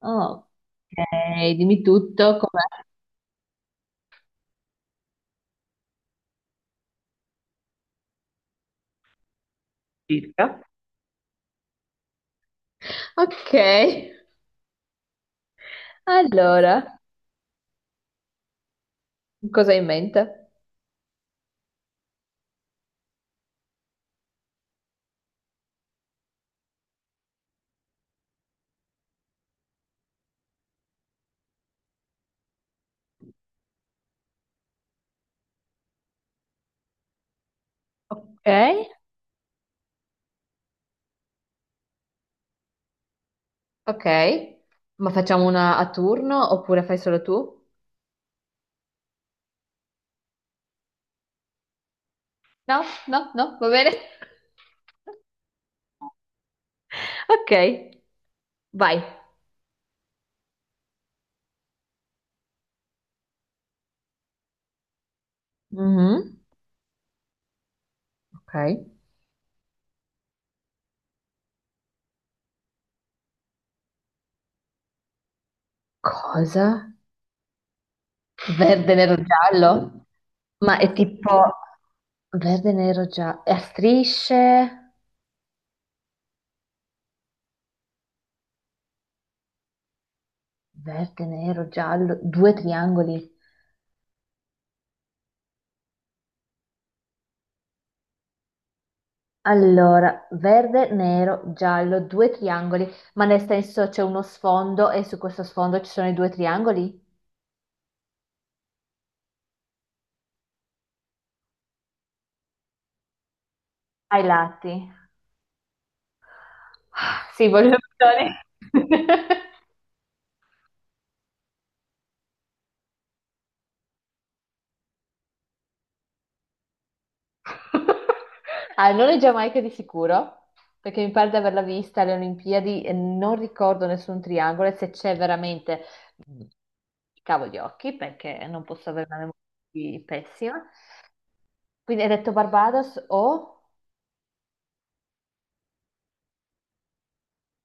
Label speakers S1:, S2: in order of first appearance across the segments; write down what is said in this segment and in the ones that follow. S1: Ok, dimmi tutto. Com'è. Ok, allora, cosa hai in mente? Ok. Ok, ma facciamo una a turno oppure fai solo tu? No, no, no, va bene. Ok, vai. Mhm. Ok. Cosa? Verde, nero, giallo? Ma è tipo verde, nero, giallo, a strisce, verde, nero, giallo, due triangoli. Allora, verde, nero, giallo, due triangoli, ma nel senso c'è uno sfondo e su questo sfondo ci sono i due triangoli? Ai lati. Ah, sì, voglio le opzioni. Ah, non è Giamaica di sicuro, perché mi pare di averla vista alle Olimpiadi e non ricordo nessun triangolo, e se c'è veramente, mm, cavo gli occhi, perché non posso avere una memoria così pessima. Quindi hai detto Barbados o...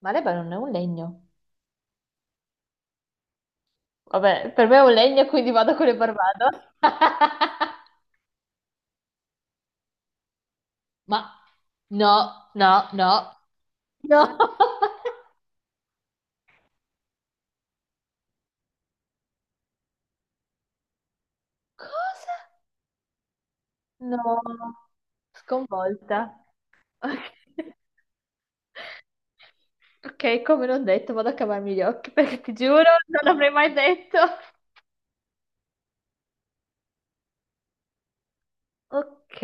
S1: Ma Lebanon è un legno. Vabbè, per me è un legno, quindi vado con le Barbados. Ma no, no, no. No. Cosa? No. Sconvolta. Ok. Ok, come non detto, vado a cavarmi gli occhi perché ti giuro, non l'avrei mai detto. Ok,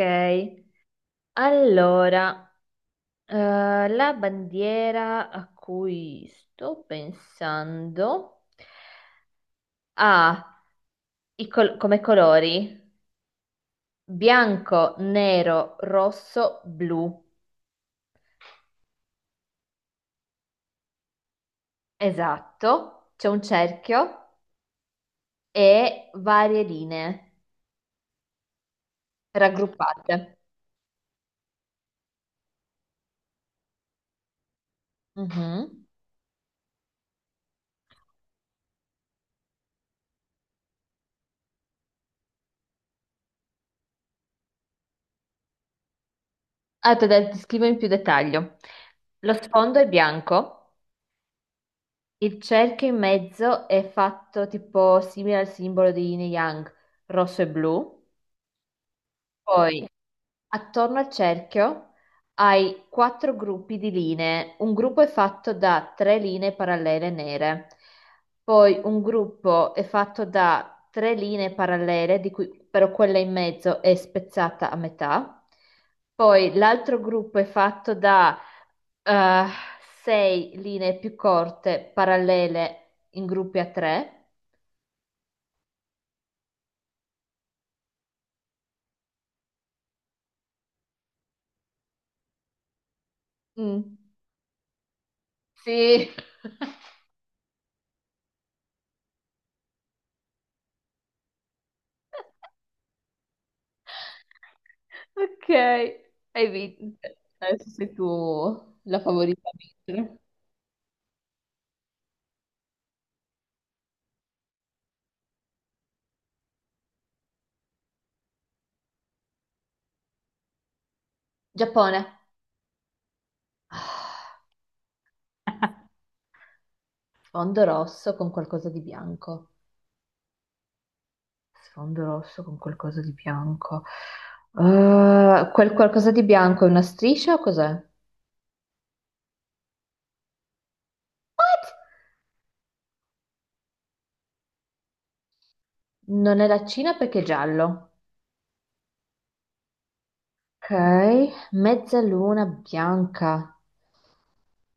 S1: allora, la bandiera a cui sto pensando ha come colori? Bianco, nero, rosso, blu. Esatto. C'è un cerchio e varie linee raggruppate. Mhm. Allora, te la descrivo in più dettaglio. Lo sfondo è bianco, il cerchio in mezzo è fatto tipo simile al simbolo di Yin e Yang, rosso e blu. Poi. Attorno al cerchio hai quattro gruppi di linee. Un gruppo è fatto da tre linee parallele nere, poi un gruppo è fatto da tre linee parallele, di cui però quella in mezzo è spezzata a metà, poi l'altro gruppo è fatto da eh, sei linee più corte parallele in gruppi a tre. Mm. Sì. Ok, hai vinto. Adesso sei tu la favorita a vincere. Giappone. Sfondo rosso con qualcosa di bianco. Sfondo rosso con qualcosa di bianco. Quel qualcosa di bianco è una striscia o cos'è? What? Non è la Cina perché è giallo. Ok, mezzaluna bianca.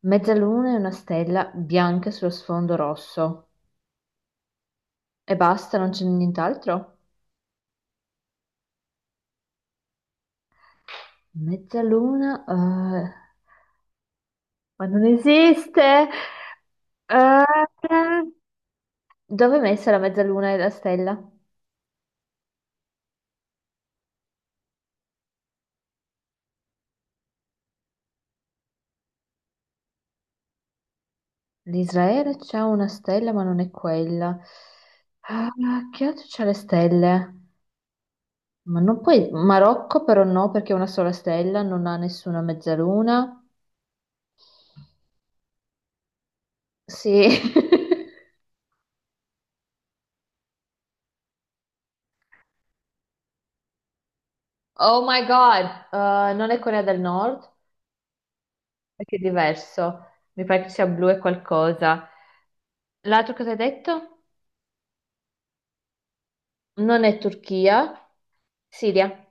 S1: Mezzaluna è una stella bianca sullo sfondo rosso. E basta, non c'è nient'altro? Mezzaluna, ma non esiste. Eh, dove è messa la mezzaluna e la stella? L'Israele c'ha una stella, ma non è quella. Ah, che altro c'ha le stelle? Ma non puoi... Marocco però no, perché è una sola stella, non ha nessuna mezzaluna. Sì. Oh my God. Non è Corea del Nord, perché è diverso. Mi pare che sia blu e qualcosa. L'altro cosa hai detto? Non è Turchia, Siria.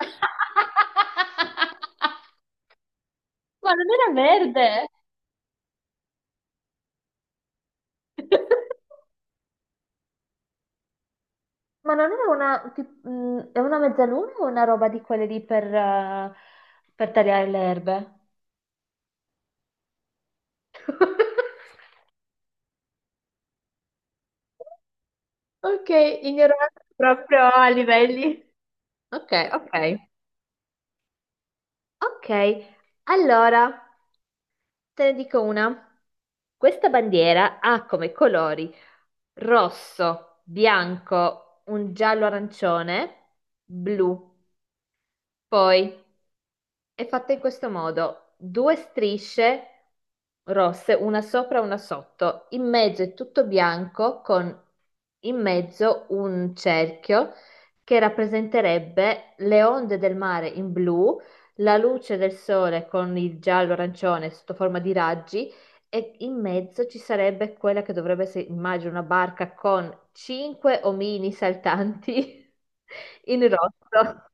S1: Ma non era verde? Ma non è una, è una mezzaluna o una roba di quelle lì per tagliare le erbe? Ok, ignorato proprio a livelli. Ok, ok. Ok, allora. Te ne dico una. Questa bandiera ha come colori rosso, bianco, un giallo arancione, blu. Poi. È fatta in questo modo: due strisce rosse, una sopra e una sotto, in mezzo è tutto bianco con in mezzo un cerchio che rappresenterebbe le onde del mare in blu, la luce del sole con il giallo-arancione sotto forma di raggi e in mezzo ci sarebbe quella che dovrebbe essere, immagino, una barca con cinque omini saltanti in rosso.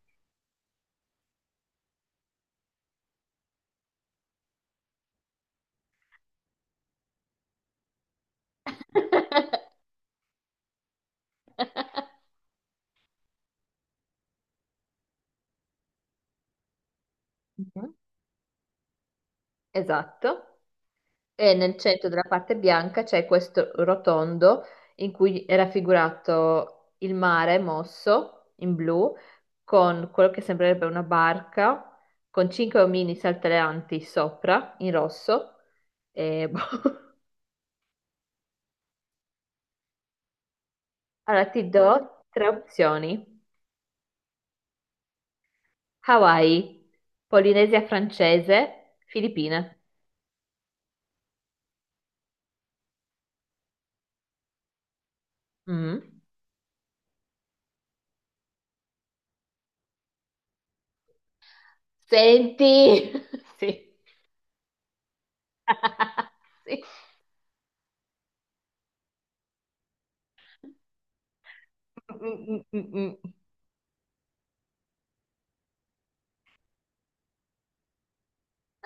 S1: Esatto, e nel centro della parte bianca c'è questo rotondo in cui è raffigurato il mare mosso in blu con quello che sembrerebbe una barca con cinque omini saltellanti sopra in rosso. E... boh. Allora ti do tre opzioni: Hawaii, Polinesia francese, Filippine. Mm. Senti, sì. Sì. Mm, mm, mm, mm.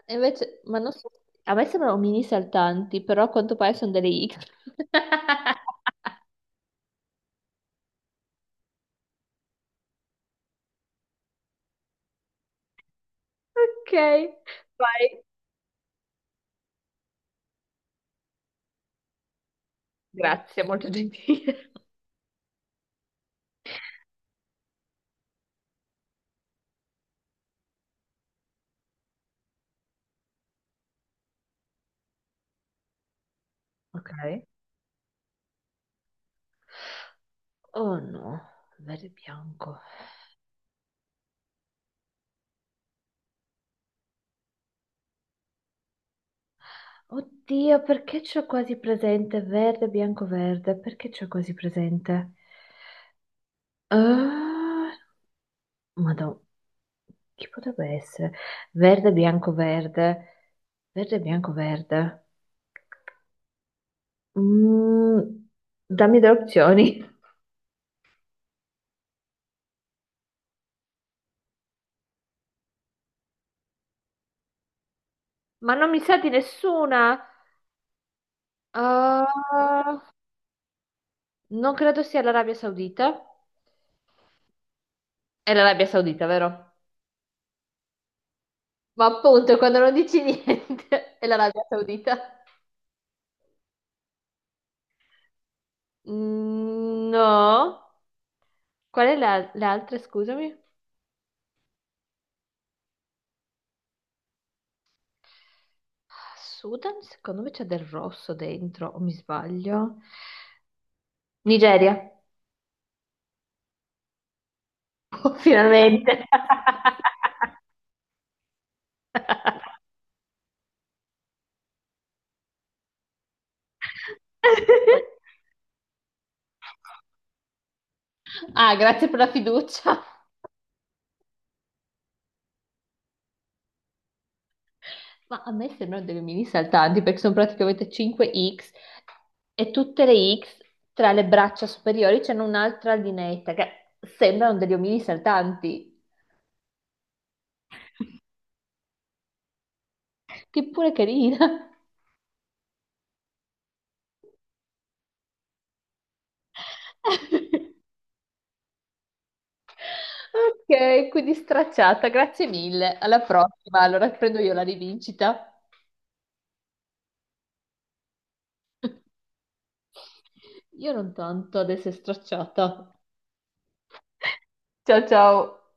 S1: E invece, ma non so, a me sembrano mini saltanti, però a quanto pare sono delle iche. Ok, vai. Grazie, molto gentile. Ok. Oh no, verde e bianco. Oddio, perché c'ho quasi presente verde, bianco, verde? Perché c'ho quasi presente? Ah, Madonna, chi potrebbe essere? Verde, bianco, verde. Verde, bianco, verde. Mm, dammi delle opzioni. Ma non mi sa di nessuna. Ah, non credo sia l'Arabia Saudita. È l'Arabia Saudita, vero? Ma appunto, quando non dici niente, è l'Arabia Saudita. Mm, no. Qual è la, le altre, scusami? Sudan, secondo me c'è del rosso dentro, o mi sbaglio? Nigeria. Oh, finalmente. Ah, grazie per la fiducia. Ma a me sembrano delle mini saltanti perché sono praticamente 5 X, e tutte le X tra le braccia superiori c'hanno un'altra lineetta che sembrano degli omini saltanti, che pure carina. Ok, quindi stracciata, grazie mille. Alla prossima, allora prendo io la rivincita. Io non tanto adesso è stracciata. Ciao ciao.